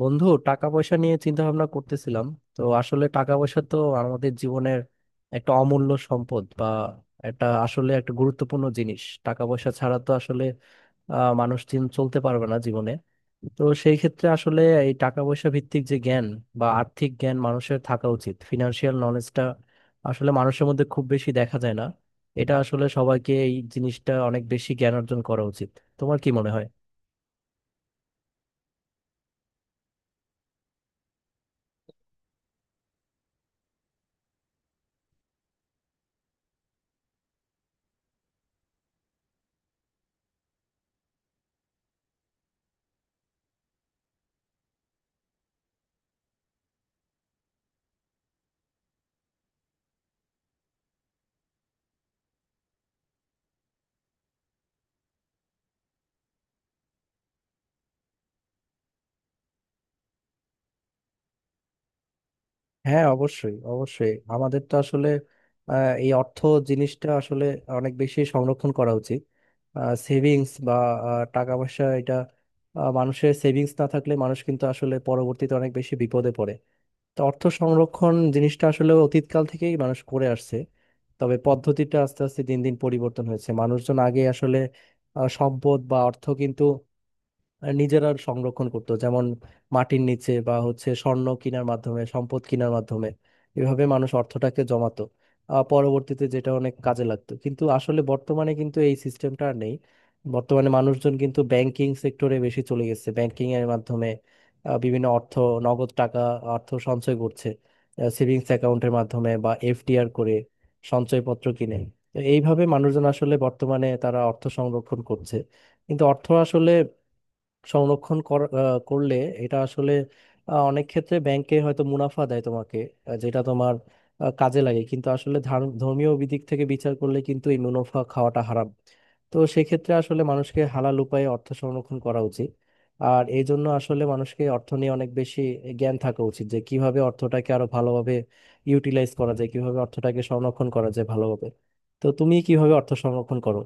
বন্ধু, টাকা পয়সা নিয়ে চিন্তা ভাবনা করতেছিলাম। তো আসলে টাকা পয়সা তো আমাদের জীবনের একটা অমূল্য সম্পদ বা একটা, আসলে একটা গুরুত্বপূর্ণ জিনিস। টাকা পয়সা ছাড়া তো আসলে মানুষ দিন চলতে পারবে না জীবনে। তো সেই ক্ষেত্রে আসলে এই টাকা পয়সা ভিত্তিক যে জ্ঞান বা আর্থিক জ্ঞান মানুষের থাকা উচিত, ফিনান্সিয়াল নলেজটা আসলে মানুষের মধ্যে খুব বেশি দেখা যায় না। এটা আসলে সবাইকে, এই জিনিসটা, অনেক বেশি জ্ঞান অর্জন করা উচিত। তোমার কি মনে হয়? হ্যাঁ, অবশ্যই অবশ্যই। আমাদের তো আসলে এই অর্থ জিনিসটা আসলে অনেক বেশি সংরক্ষণ করা উচিত। সেভিংস বা টাকা পয়সা, এটা মানুষের সেভিংস না থাকলে মানুষ কিন্তু আসলে পরবর্তীতে অনেক বেশি বিপদে পড়ে। তো অর্থ সংরক্ষণ জিনিসটা আসলে অতীতকাল থেকেই মানুষ করে আসছে। তবে পদ্ধতিটা আস্তে আস্তে দিন দিন পরিবর্তন হয়েছে। মানুষজন আগে আসলে সম্পদ বা অর্থ কিন্তু নিজেরা সংরক্ষণ করতো, যেমন মাটির নিচে বা হচ্ছে স্বর্ণ কেনার মাধ্যমে, সম্পদ কেনার মাধ্যমে এভাবে মানুষ অর্থটাকে জমাতো। পরবর্তীতে যেটা অনেক কাজে লাগতো, কিন্তু আসলে বর্তমানে কিন্তু এই সিস্টেমটা আর নেই। বর্তমানে মানুষজন কিন্তু ব্যাংকিং সেক্টরে বেশি চলে গেছে। ব্যাংকিং এর মাধ্যমে বিভিন্ন অর্থ, নগদ টাকা, অর্থ সঞ্চয় করছে সেভিংস অ্যাকাউন্টের মাধ্যমে, বা এফডিআর করে, সঞ্চয়পত্র কিনে। তো এইভাবে মানুষজন আসলে বর্তমানে তারা অর্থ সংরক্ষণ করছে। কিন্তু অর্থ আসলে করলে এটা আসলে অনেক ক্ষেত্রে ব্যাংকে হয়তো মুনাফা দেয় তোমাকে, যেটা তোমার কাজে লাগে। কিন্তু আসলে ধর্মীয় দিক থেকে বিচার করলে কিন্তু এই মুনাফা খাওয়াটা হারাম। তো সেক্ষেত্রে আসলে মানুষকে হালাল উপায়ে অর্থ সংরক্ষণ করা উচিত। আর এই জন্য আসলে মানুষকে অর্থ নিয়ে অনেক বেশি জ্ঞান থাকা উচিত, যে কিভাবে অর্থটাকে আরো ভালোভাবে ইউটিলাইজ করা যায়, কিভাবে অর্থটাকে সংরক্ষণ করা যায় ভালোভাবে। তো তুমি কিভাবে অর্থ সংরক্ষণ করো?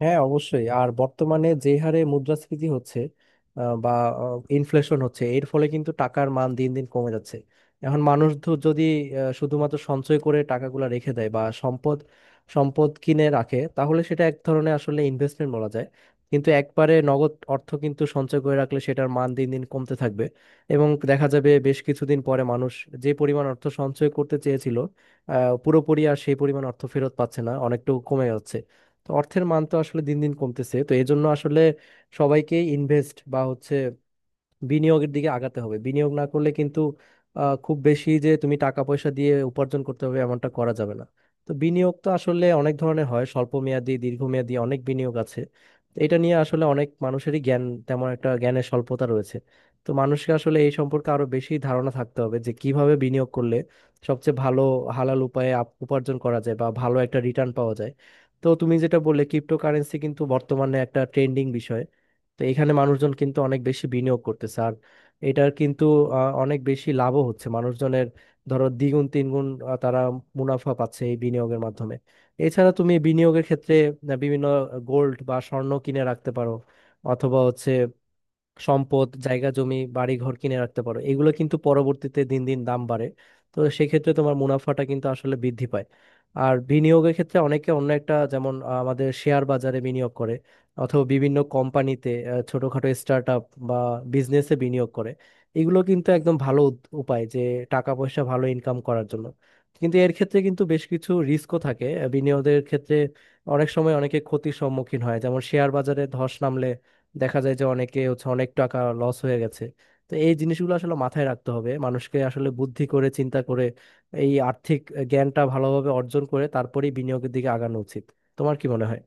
হ্যাঁ, অবশ্যই। আর বর্তমানে যে হারে মুদ্রাস্ফীতি হচ্ছে, বা ইনফ্লেশন হচ্ছে, এর ফলে কিন্তু টাকার মান দিন দিন কমে যাচ্ছে। এখন মানুষ তো যদি শুধুমাত্র সঞ্চয় করে টাকাগুলো রেখে দেয়, বা সম্পদ সম্পদ কিনে রাখে, তাহলে সেটা এক ধরনের আসলে ইনভেস্টমেন্ট বলা যায়। কিন্তু একবারে নগদ অর্থ কিন্তু সঞ্চয় করে রাখলে সেটার মান দিন দিন কমতে থাকবে। এবং দেখা যাবে বেশ কিছুদিন পরে মানুষ যে পরিমাণ অর্থ সঞ্চয় করতে চেয়েছিল, পুরোপুরি আর সেই পরিমাণ অর্থ ফেরত পাচ্ছে না, অনেকটুকু কমে যাচ্ছে। তো অর্থের মান তো আসলে দিন দিন কমতেছে। তো এই জন্য আসলে সবাইকে ইনভেস্ট বা হচ্ছে বিনিয়োগের দিকে আগাতে হবে। বিনিয়োগ না করলে কিন্তু খুব বেশি যে তুমি টাকা পয়সা দিয়ে উপার্জন করতে হবে এমনটা করা যাবে না। তো বিনিয়োগ তো আসলে অনেক ধরনের হয়, স্বল্প মেয়াদি, দীর্ঘমেয়াদি, অনেক বিনিয়োগ আছে। তো এটা নিয়ে আসলে অনেক মানুষেরই জ্ঞান, তেমন একটা, জ্ঞানের স্বল্পতা রয়েছে। তো মানুষকে আসলে এই সম্পর্কে আরো বেশি ধারণা থাকতে হবে, যে কিভাবে বিনিয়োগ করলে সবচেয়ে ভালো হালাল উপায়ে উপার্জন করা যায়, বা ভালো একটা রিটার্ন পাওয়া যায়। তো তুমি যেটা বললে, ক্রিপ্টোকারেন্সি কিন্তু বর্তমানে একটা ট্রেন্ডিং বিষয়। তো এখানে মানুষজন কিন্তু অনেক বেশি বিনিয়োগ করতেছে। আর এটার কিন্তু অনেক বেশি লাভও হচ্ছে মানুষজনের। ধরো দ্বিগুণ তিনগুণ তারা মুনাফা পাচ্ছে এই বিনিয়োগের মাধ্যমে। এছাড়া তুমি বিনিয়োগের ক্ষেত্রে বিভিন্ন গোল্ড বা স্বর্ণ কিনে রাখতে পারো, অথবা হচ্ছে সম্পদ, জায়গা, জমি, বাড়ি ঘর কিনে রাখতে পারো। এগুলো কিন্তু পরবর্তীতে দিন দিন দাম বাড়ে। তো সেক্ষেত্রে তোমার মুনাফাটা কিন্তু আসলে বৃদ্ধি পায়। আর বিনিয়োগের ক্ষেত্রে অনেকে অন্য একটা, যেমন আমাদের শেয়ার বাজারে বিনিয়োগ করে, অথবা বিভিন্ন কোম্পানিতে ছোটখাটো স্টার্ট আপ বা বিজনেসে বিনিয়োগ করে। এগুলো কিন্তু একদম ভালো উপায় যে টাকা পয়সা ভালো ইনকাম করার জন্য। কিন্তু এর ক্ষেত্রে কিন্তু বেশ কিছু রিস্কও থাকে বিনিয়োগের ক্ষেত্রে। অনেক সময় অনেকে ক্ষতির সম্মুখীন হয়, যেমন শেয়ার বাজারে ধস নামলে দেখা যায় যে অনেকে হচ্ছে অনেক টাকা লস হয়ে গেছে। তো এই জিনিসগুলো আসলে মাথায় রাখতে হবে। মানুষকে আসলে বুদ্ধি করে, চিন্তা করে, এই আর্থিক জ্ঞানটা ভালোভাবে অর্জন করে তারপরেই বিনিয়োগের দিকে আগানো উচিত। তোমার কি মনে হয়?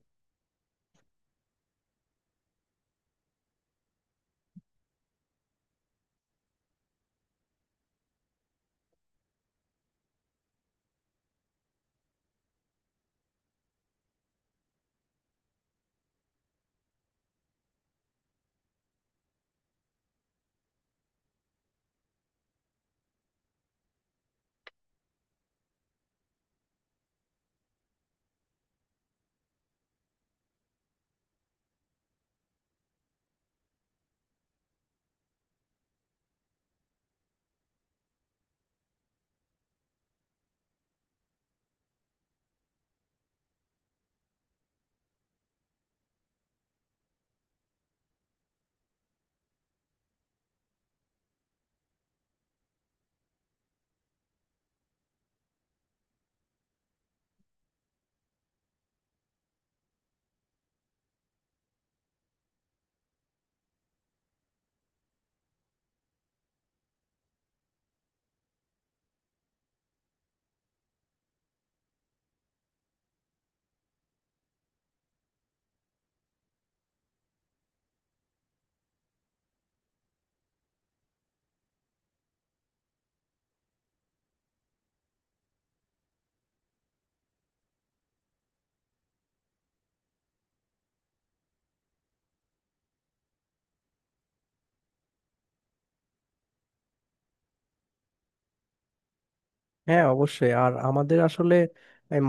হ্যাঁ, অবশ্যই। আর আমাদের আসলে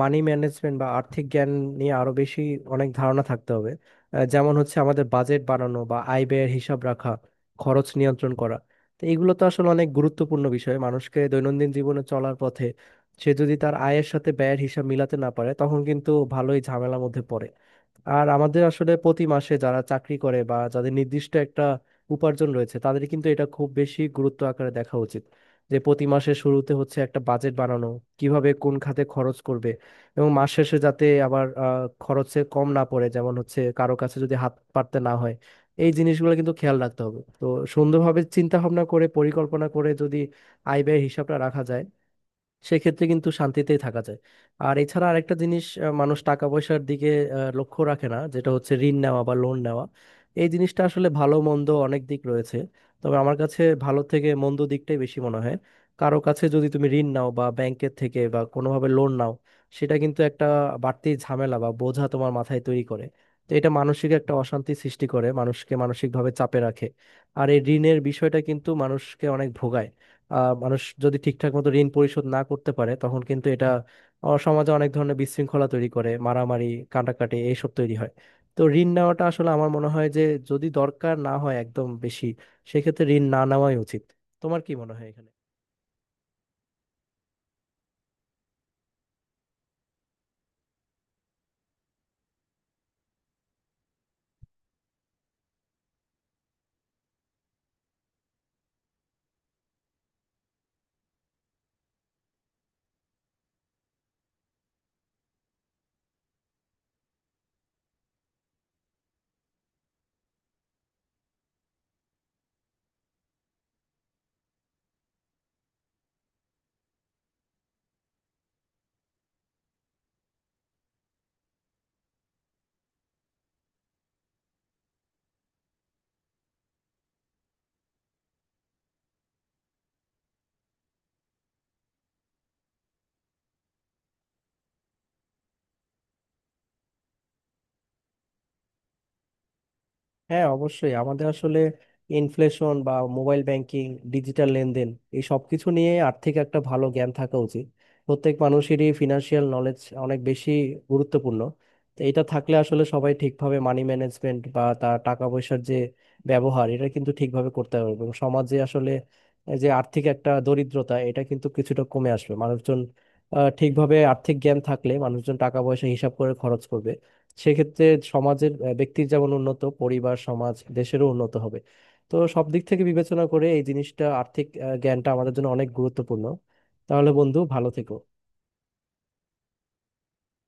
মানি ম্যানেজমেন্ট বা আর্থিক জ্ঞান নিয়ে আরো বেশি, অনেক ধারণা থাকতে হবে। যেমন হচ্ছে আমাদের বাজেট বানানো, বা আয় ব্যয়ের হিসাব রাখা, খরচ নিয়ন্ত্রণ করা। তো এগুলো তো আসলে অনেক গুরুত্বপূর্ণ বিষয় মানুষকে দৈনন্দিন জীবনে চলার পথে। সে যদি তার আয়ের সাথে ব্যয়ের হিসাব মিলাতে না পারে তখন কিন্তু ভালোই ঝামেলার মধ্যে পড়ে। আর আমাদের আসলে প্রতি মাসে যারা চাকরি করে, বা যাদের নির্দিষ্ট একটা উপার্জন রয়েছে, তাদের কিন্তু এটা খুব বেশি গুরুত্ব আকারে দেখা উচিত। যে প্রতি মাসের শুরুতে হচ্ছে একটা বাজেট বানানো, কিভাবে কোন খাতে খরচ করবে, এবং মাস শেষে যাতে আবার খরচে কম না পড়ে, যেমন হচ্ছে কারো কাছে যদি হাত পাততে না হয়। এই জিনিসগুলো কিন্তু খেয়াল রাখতে হবে। তো সুন্দরভাবে চিন্তা ভাবনা করে, পরিকল্পনা করে যদি আয় ব্যয় হিসাবটা রাখা যায়, সেক্ষেত্রে কিন্তু শান্তিতেই থাকা যায়। আর এছাড়া আরেকটা জিনিস, মানুষ টাকা পয়সার দিকে লক্ষ্য রাখে না, যেটা হচ্ছে ঋণ নেওয়া বা লোন নেওয়া। এই জিনিসটা আসলে ভালো মন্দ অনেক দিক রয়েছে, তবে আমার কাছে ভালো থেকে মন্দ দিকটাই বেশি মনে হয়। কারো কাছে যদি তুমি ঋণ নাও, বা ব্যাংকের থেকে বা কোনোভাবে লোন নাও, সেটা কিন্তু একটা বাড়তি ঝামেলা বা বোঝা তোমার মাথায় তৈরি করে। তো এটা মানসিক একটা অশান্তি সৃষ্টি করে, মানুষকে মানসিকভাবে চাপে রাখে। আর এই ঋণের বিষয়টা কিন্তু মানুষকে অনেক ভোগায়। মানুষ যদি ঠিকঠাক মতো ঋণ পরিশোধ না করতে পারে, তখন কিন্তু এটা সমাজে অনেক ধরনের বিশৃঙ্খলা তৈরি করে, মারামারি কাটাকাটি এইসব তৈরি হয়। তো ঋণ নেওয়াটা আসলে আমার মনে হয় যে যদি দরকার না হয় একদম বেশি, সেক্ষেত্রে ঋণ না নেওয়াই উচিত। তোমার কি মনে হয় এখানে? হ্যাঁ, অবশ্যই। আমাদের আসলে ইনফ্লেশন বা মোবাইল ব্যাংকিং, ডিজিটাল লেনদেন, এই সব কিছু নিয়ে আর্থিক একটা ভালো জ্ঞান থাকা উচিত। প্রত্যেক মানুষেরই ফিনান্সিয়াল নলেজ অনেক বেশি গুরুত্বপূর্ণ। তো এটা থাকলে আসলে সবাই ঠিকভাবে মানি ম্যানেজমেন্ট, বা তার টাকা পয়সার যে ব্যবহার, এটা কিন্তু ঠিকভাবে করতে পারবে। এবং সমাজে আসলে এই যে আর্থিক একটা দরিদ্রতা, এটা কিন্তু কিছুটা কমে আসবে। মানুষজন ঠিকভাবে আর্থিক জ্ঞান থাকলে মানুষজন টাকা পয়সা হিসাব করে খরচ করবে। সেক্ষেত্রে সমাজের ব্যক্তির যেমন উন্নত, পরিবার, সমাজ, দেশেরও উন্নত হবে। তো সব দিক থেকে বিবেচনা করে এই জিনিসটা, আর্থিক জ্ঞানটা আমাদের জন্য অনেক গুরুত্বপূর্ণ। তাহলে বন্ধু ভালো থেকো।